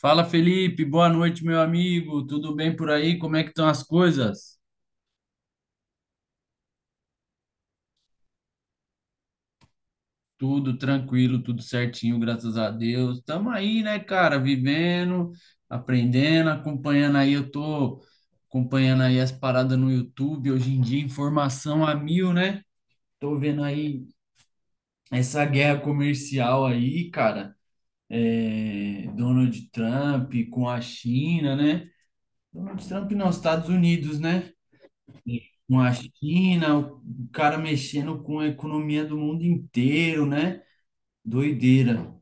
Fala Felipe, boa noite, meu amigo. Tudo bem por aí? Como é que estão as coisas? Tudo tranquilo, tudo certinho, graças a Deus. Tamo aí, né, cara, vivendo, aprendendo, acompanhando aí. Eu tô acompanhando aí as paradas no YouTube. Hoje em dia, informação a mil, né? Tô vendo aí essa guerra comercial aí, cara. É, Donald Trump com a China, né? Donald Trump nos Estados Unidos, né? Uma China, o cara mexendo com a economia do mundo inteiro, né? Doideira.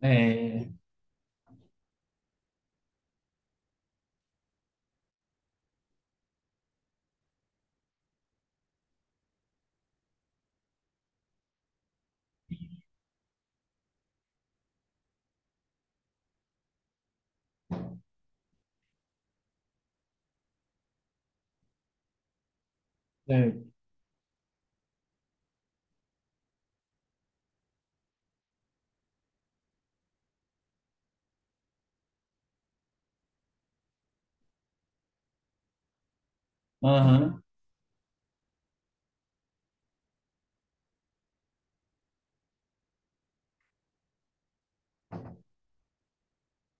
É, é. Aham,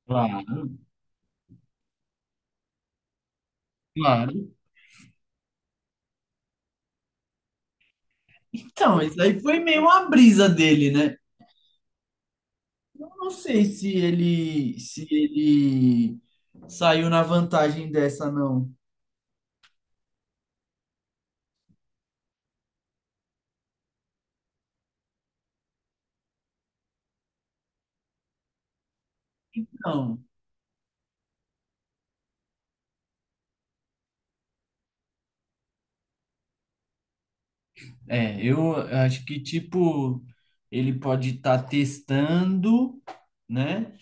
claro, claro. Então, isso aí foi meio uma brisa dele, né? Eu não sei se ele saiu na vantagem dessa, não. Não. É, eu acho que, tipo, ele pode estar testando, né?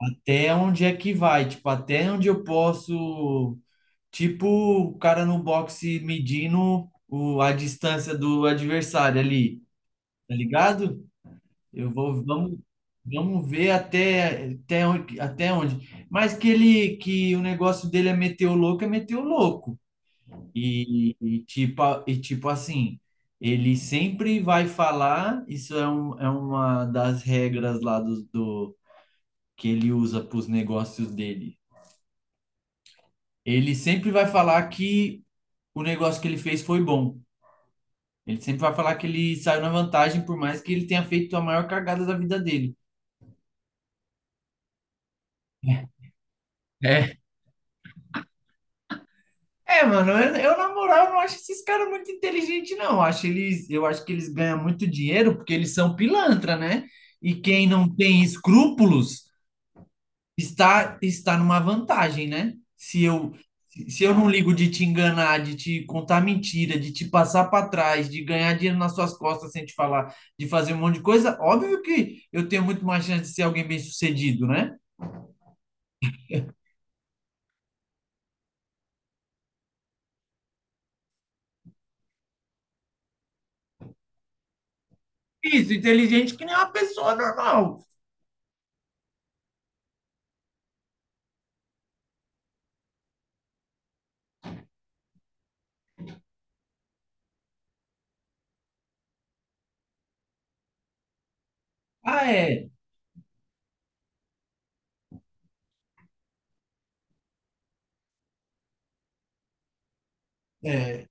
Até onde é que vai, tipo, até onde eu posso. Tipo o cara no boxe medindo a distância do adversário ali, tá ligado? Eu vou, vamos, vamos ver até onde. Mas que ele, que o negócio dele é meter o louco, é meter o louco. E tipo assim, ele sempre vai falar, isso é, uma das regras lá do que ele usa para os negócios dele. Ele sempre vai falar que o negócio que ele fez foi bom. Ele sempre vai falar que ele saiu na vantagem, por mais que ele tenha feito a maior cagada da vida dele. É. É, mano, eu, na moral não acho esses caras muito inteligentes, não. Eu acho que eles ganham muito dinheiro porque eles são pilantra, né? E quem não tem escrúpulos está numa vantagem, né? Se eu não ligo de te enganar, de te contar mentira, de te passar para trás, de ganhar dinheiro nas suas costas sem te falar, de fazer um monte de coisa, óbvio que eu tenho muito mais chance de ser alguém bem-sucedido, né? Isso, inteligente que nem uma pessoa normal. Ah, é. É.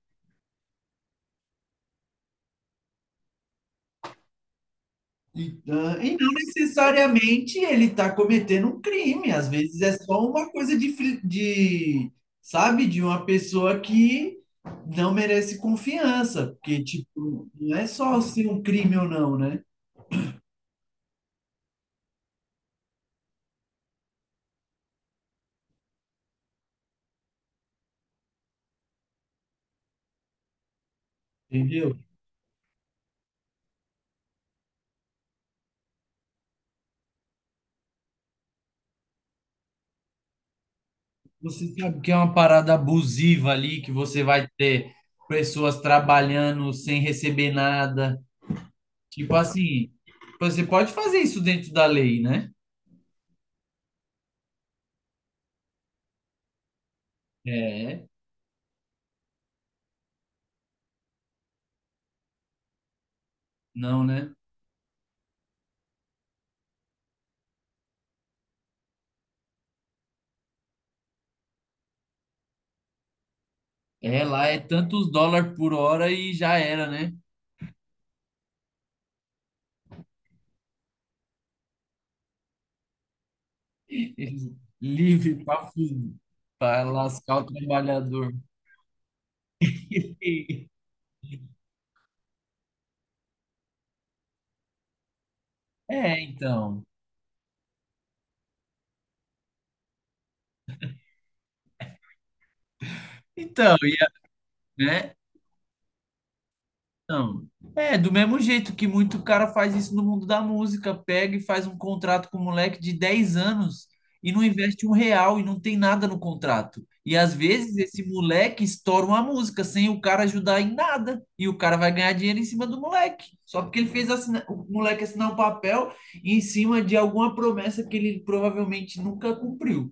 E não necessariamente ele está cometendo um crime, às vezes é só uma coisa de, sabe, de uma pessoa que não merece confiança, porque, tipo, não é só ser um crime ou não, né? Entendeu? Você sabe que é uma parada abusiva ali, que você vai ter pessoas trabalhando sem receber nada. Tipo assim, você pode fazer isso dentro da lei, né? É, não, né? É, lá é tantos dólares por hora e já era, né? Livre para lascar o trabalhador. É, então. Então, né? Não. É, do mesmo jeito que muito cara faz isso no mundo da música, pega e faz um contrato com um moleque de 10 anos e não investe um real e não tem nada no contrato. E às vezes esse moleque estoura uma música sem o cara ajudar em nada. E o cara vai ganhar dinheiro em cima do moleque. Só porque ele fez o moleque assinar um papel em cima de alguma promessa que ele provavelmente nunca cumpriu.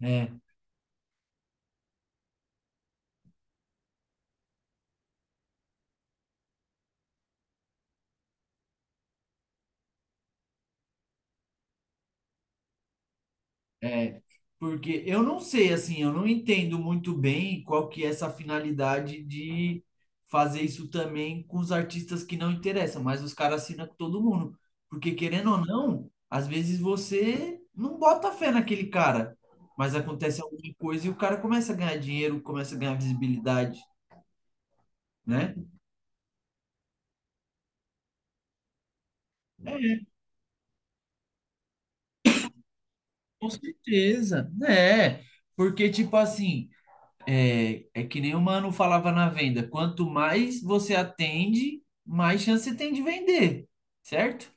É. É, porque eu não sei, assim, eu não entendo muito bem qual que é essa finalidade de fazer isso também com os artistas que não interessam, mas os caras assinam com todo mundo. Porque querendo ou não, às vezes você não bota fé naquele cara, mas acontece alguma coisa e o cara começa a ganhar dinheiro, começa a ganhar visibilidade, né? Com certeza, né? Porque, tipo assim, é, é que nem o Mano falava na venda, quanto mais você atende, mais chance você tem de vender, certo?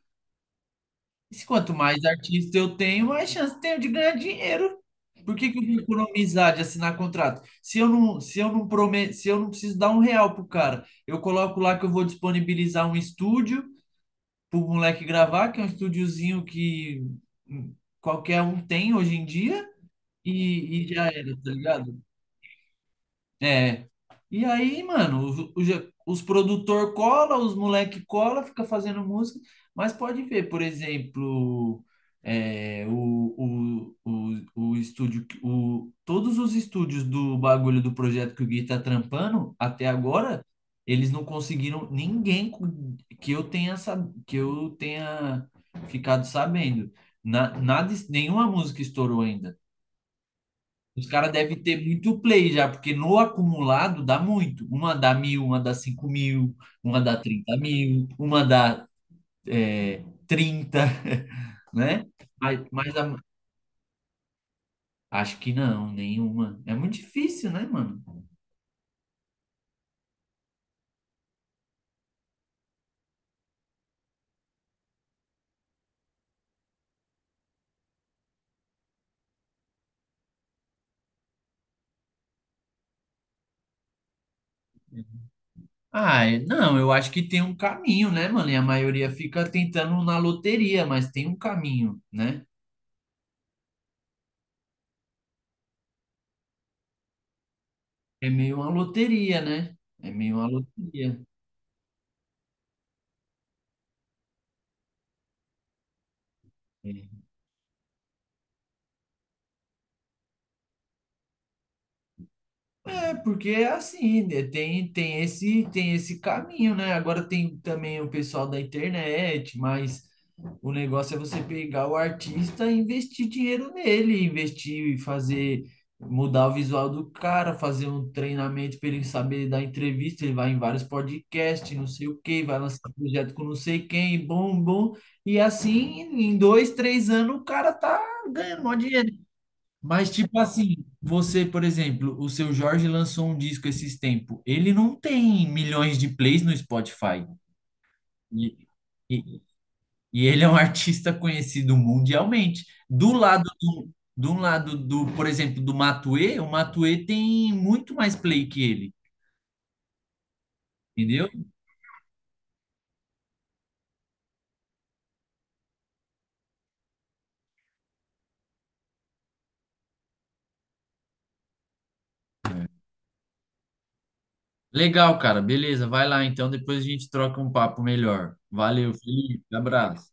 E se quanto mais artista eu tenho, mais chance eu tenho de ganhar dinheiro. Por que que eu vou economizar de assinar contrato? Se eu não prometo, se eu não preciso dar um real pro cara, eu coloco lá que eu vou disponibilizar um estúdio pro moleque gravar, que é um estúdiozinho que hum, qualquer um tem hoje em dia, e já era, tá ligado? É. E aí, mano, produtor cola, os moleque cola, fica fazendo música, mas pode ver, por exemplo, o estúdio, todos os estúdios do bagulho do projeto que o Gui tá trampando, até agora, eles não conseguiram ninguém que eu tenha ficado sabendo. Nada, nenhuma música estourou ainda. Os caras devem ter muito play já, porque no acumulado dá muito. Uma dá 1.000, uma dá 5.000, uma dá 30.000, uma dá 30, né? Mas acho que não, nenhuma. É muito difícil, né, mano? Ah, não, eu acho que tem um caminho, né, mano? E a maioria fica tentando na loteria, mas tem um caminho, né? É meio uma loteria, né? É meio uma loteria. É. É, porque é assim, né? Tem esse caminho, né? Agora tem também o pessoal da internet, mas o negócio é você pegar o artista e investir dinheiro nele, investir e fazer, mudar o visual do cara, fazer um treinamento para ele saber dar entrevista, ele vai em vários podcasts, não sei o quê, vai lançar projeto com não sei quem, bom, bom. E assim, em 2, 3 anos, o cara tá ganhando mó dinheiro. Mas, tipo assim, você, por exemplo, o seu Jorge lançou um disco esses tempos. Ele não tem milhões de plays no Spotify. E, e, e ele é um artista conhecido mundialmente. Do lado do, por exemplo, do Matuê, o Matuê tem muito mais play que ele, entendeu? Legal, cara. Beleza, vai lá então, depois a gente troca um papo melhor. Valeu, Felipe. Abraço.